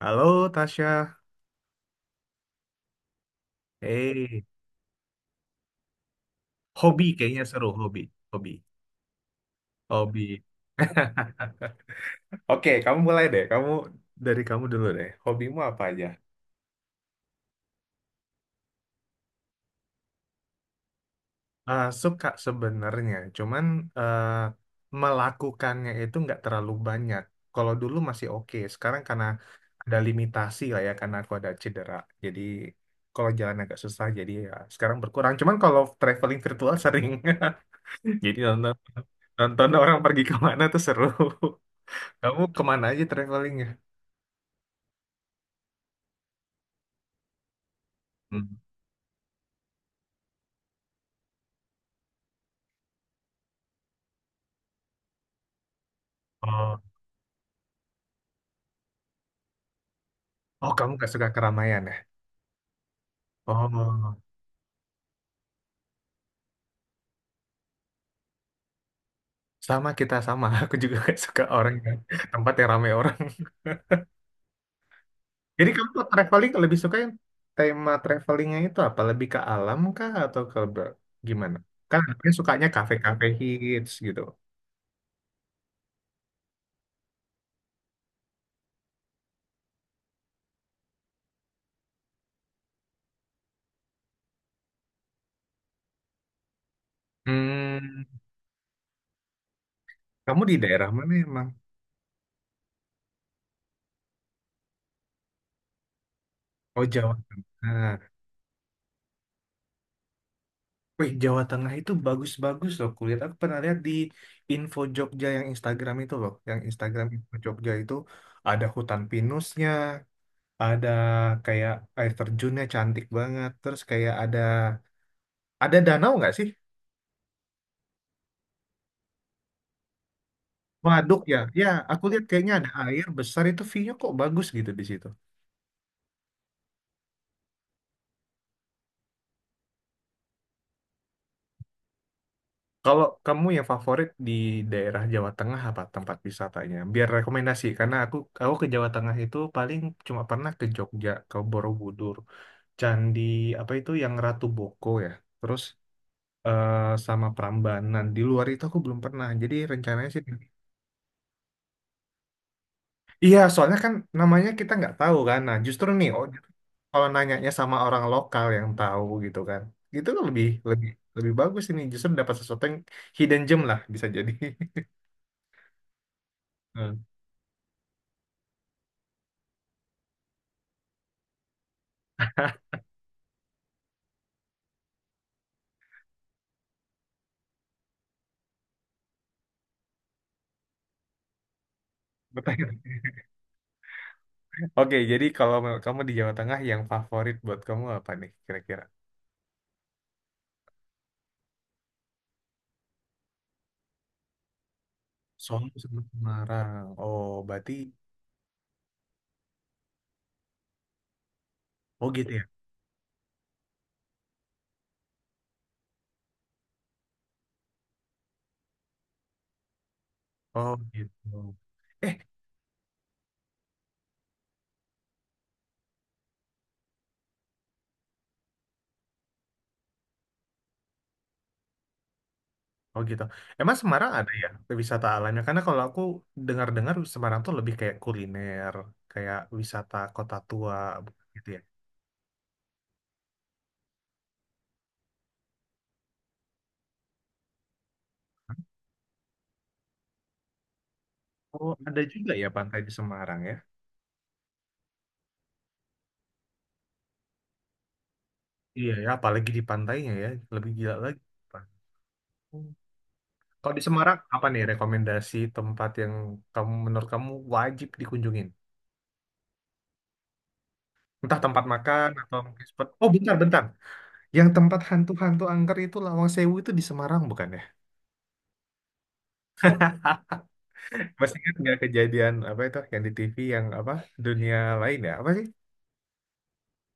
Halo Tasya, eh hobi kayaknya seru hobi, hobi, hobi. Oke, kamu mulai deh. Dari kamu dulu deh. Hobimu apa aja? Suka sebenarnya, cuman eh, melakukannya itu nggak terlalu banyak. Kalau dulu masih oke, sekarang karena ada limitasi lah ya, karena aku ada cedera. Jadi kalau jalan agak susah, jadi ya sekarang berkurang. Cuman kalau traveling virtual sering, jadi nonton nonton orang pergi kemana tuh seru. Kamu kemana aja travelingnya? Hmm. Oh, oh, kamu gak suka keramaian ya? Oh, sama kita sama. Aku juga gak suka orang yang tempat yang ramai orang. Jadi kamu tuh traveling lebih suka yang tema travelingnya itu apa? Lebih ke alam kah atau ke gimana? Kan aku sukanya kafe-kafe hits gitu. Hmm, kamu di daerah mana emang? Oh Jawa. Nah, wih, Jawa Tengah itu bagus-bagus loh kulihat. Aku pernah lihat di Info Jogja yang Instagram itu loh. Yang Instagram Info Jogja itu ada hutan pinusnya, ada kayak air terjunnya cantik banget. Terus kayak ada danau nggak sih? Waduk ya. Ya, aku lihat kayaknya ada air besar itu view-nya kok bagus gitu di situ. Kalau kamu yang favorit di daerah Jawa Tengah apa tempat wisatanya? Biar rekomendasi karena aku ke Jawa Tengah itu paling cuma pernah ke Jogja, ke Borobudur. Candi apa itu yang Ratu Boko ya. Terus eh, sama Prambanan. Di luar itu aku belum pernah. Jadi rencananya sih. Iya, soalnya kan namanya kita nggak tahu kan. Nah, justru nih, oh, kalau nanyanya sama orang lokal yang tahu gitu kan, itu kan lebih lebih lebih bagus ini. Justru dapat sesuatu yang hidden gem lah bisa jadi. Hmm. Bertanya. Oke, jadi kalau kamu di Jawa Tengah yang favorit buat kamu apa nih kira-kira? Solo sama Semarang. Oh, berarti oh gitu ya. Oh gitu. Eh, oh gitu. Emang Semarang ada ya wisata alamnya? Karena kalau aku dengar-dengar Semarang tuh lebih kayak kuliner, kayak wisata kota tua gitu ya. Oh, ada juga ya pantai di Semarang ya? Iya ya, apalagi di pantainya ya, lebih gila lagi. Pak. Hmm. Kalau di Semarang, apa nih rekomendasi tempat yang kamu menurut kamu wajib dikunjungin? Entah tempat makan atau mungkin spot. Oh, bentar, bentar. Yang tempat hantu-hantu angker itu Lawang Sewu itu di Semarang bukan ya? Masih kan nggak kejadian apa itu yang di TV yang apa dunia lain ya apa sih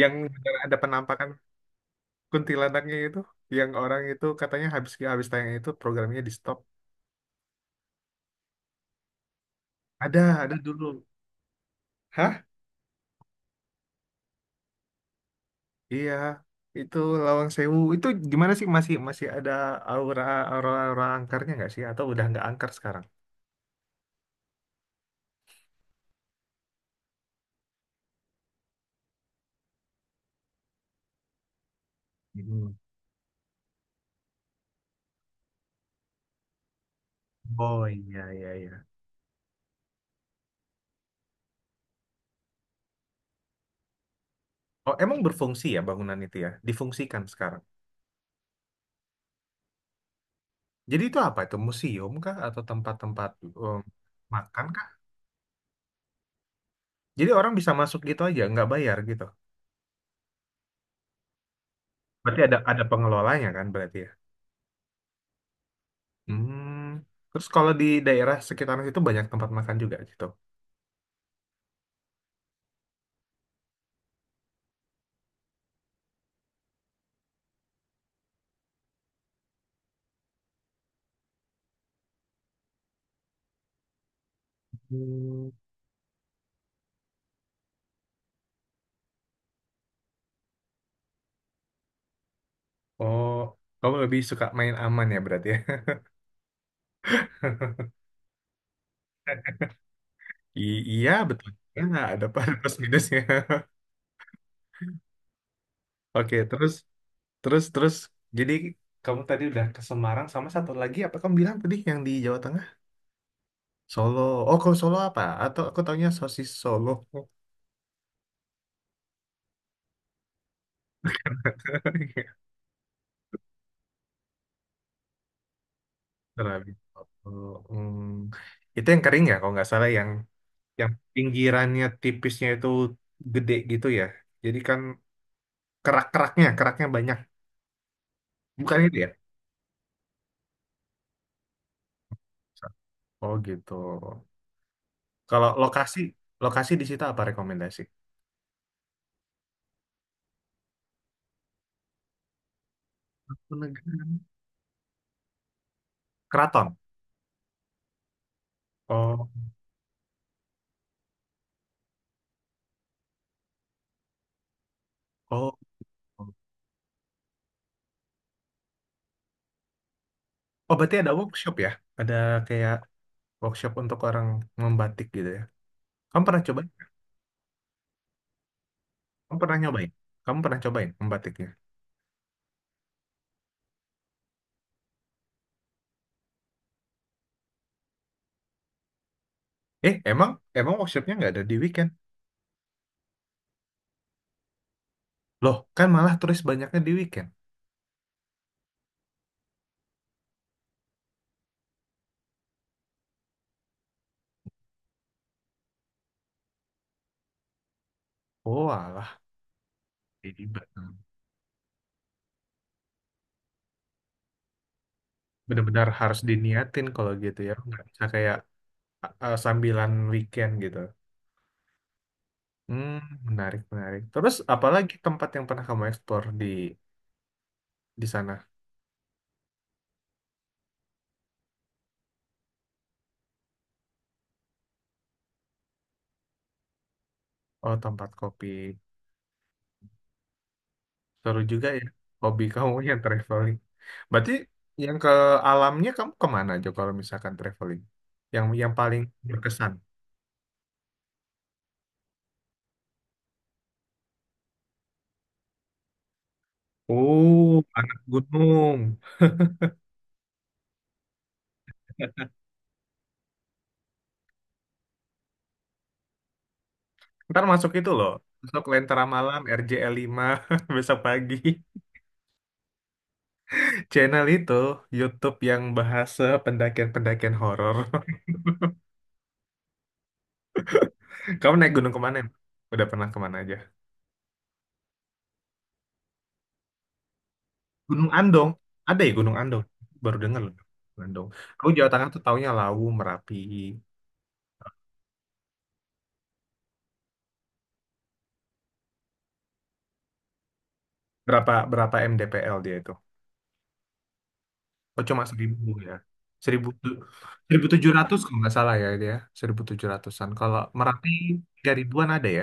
yang benar ada penampakan kuntilanaknya itu yang orang itu katanya habis habis tayang itu programnya di stop. Ada dulu, hah, iya. Itu Lawang Sewu itu gimana sih, masih masih ada aura, aura angkarnya nggak sih, atau udah nggak angker sekarang? Hmm. Oh iya, iya, iya. Oh emang berfungsi ya bangunan itu ya, difungsikan sekarang. Jadi itu apa, itu museum kah atau tempat-tempat um, makan kah? Jadi orang bisa masuk gitu aja, nggak bayar gitu. Berarti ada pengelolanya kan berarti ya. Hmm. Terus kalau di daerah sekitaran situ banyak tempat makan juga gitu. Hmm. Oh, kamu lebih suka main aman ya berarti ya. Iya betul. Ya, nggak ada ada plus minusnya. Oke, terus terus terus. Jadi kamu tadi udah ke Semarang sama satu lagi apa kamu bilang tadi yang di Jawa Tengah? Solo. Oh, kalau Solo apa? Atau aku taunya sosis Solo. Serabi soto. Hmm. Itu yang kering ya, kalau nggak salah yang pinggirannya tipisnya itu gede gitu ya. Jadi kan kerak-keraknya, keraknya banyak. Bukan itu ya? Oh gitu. Kalau lokasi, lokasi di situ apa rekomendasi? Penegak. Keraton. Oh, oh, oh. Oh, berarti ada workshop ya? Ada kayak workshop untuk orang membatik gitu ya? Kamu pernah coba? Kamu pernah nyobain? Kamu pernah cobain membatiknya? Eh, emang, emang workshopnya nggak ada di weekend? Loh, kan malah turis banyaknya di weekend. Oh, alah, jadi benar-benar harus diniatin kalau gitu ya. Nggak bisa kayak sambilan weekend gitu. Hmm, menarik, menarik. Terus apalagi tempat yang pernah kamu eksplor di sana? Oh, tempat kopi. Seru juga ya. Hobi kamu yang traveling. Berarti yang ke alamnya kamu kemana aja kalau misalkan traveling? Yang paling berkesan? Oh, anak gunung. Ntar masuk itu loh, masuk Lentera Malam, RJL5, besok pagi. Channel itu, YouTube yang bahasa pendakian-pendakian horor. Kamu naik gunung kemana? Em? Udah pernah kemana aja? Gunung Andong. Ada ya Gunung Andong? Baru dengar loh. Gunung Andong. Aku Jawa Tengah tuh taunya Lawu, Merapi. Berapa berapa MDPL dia itu? Oh cuma 1.000 ya. Seribu tu- seribu tujuh ratus kalau nggak salah ya dia. 1.700-an. Kalau Merapi 3.000-an ada ya?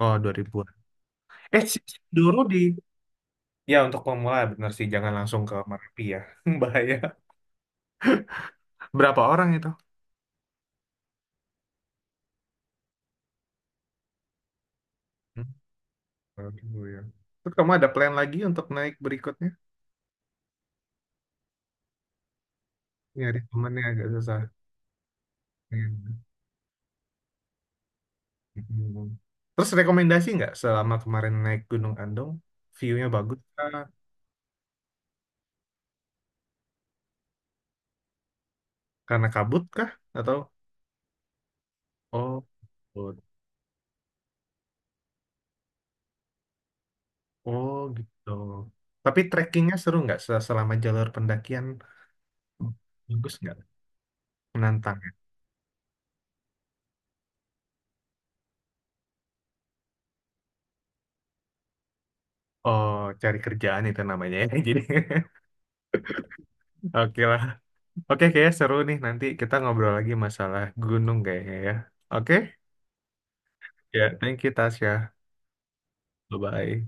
Oh 2.000-an. Eh si Doro di. Ya, untuk pemula benar sih jangan langsung ke Merapi ya. Bahaya. Berapa orang itu? Hmm, baru dulu ya. Terus kamu ada plan lagi untuk naik berikutnya? Nyari temennya agak susah. Iya. Hmm. Terus rekomendasi nggak selama kemarin naik Gunung Andong? View-nya bagus kah? Karena kabut kah? Atau oh, kabut. Oh gitu. Tapi trekkingnya seru nggak selama jalur pendakian? Bagus nggak? Menantang ya? Oh, cari kerjaan itu namanya ya. Jadi oke lah. Oke, kayaknya seru nih. Nanti kita ngobrol lagi masalah gunung kayaknya ya. Oke, ya. Thank you, Tasya. Bye-bye.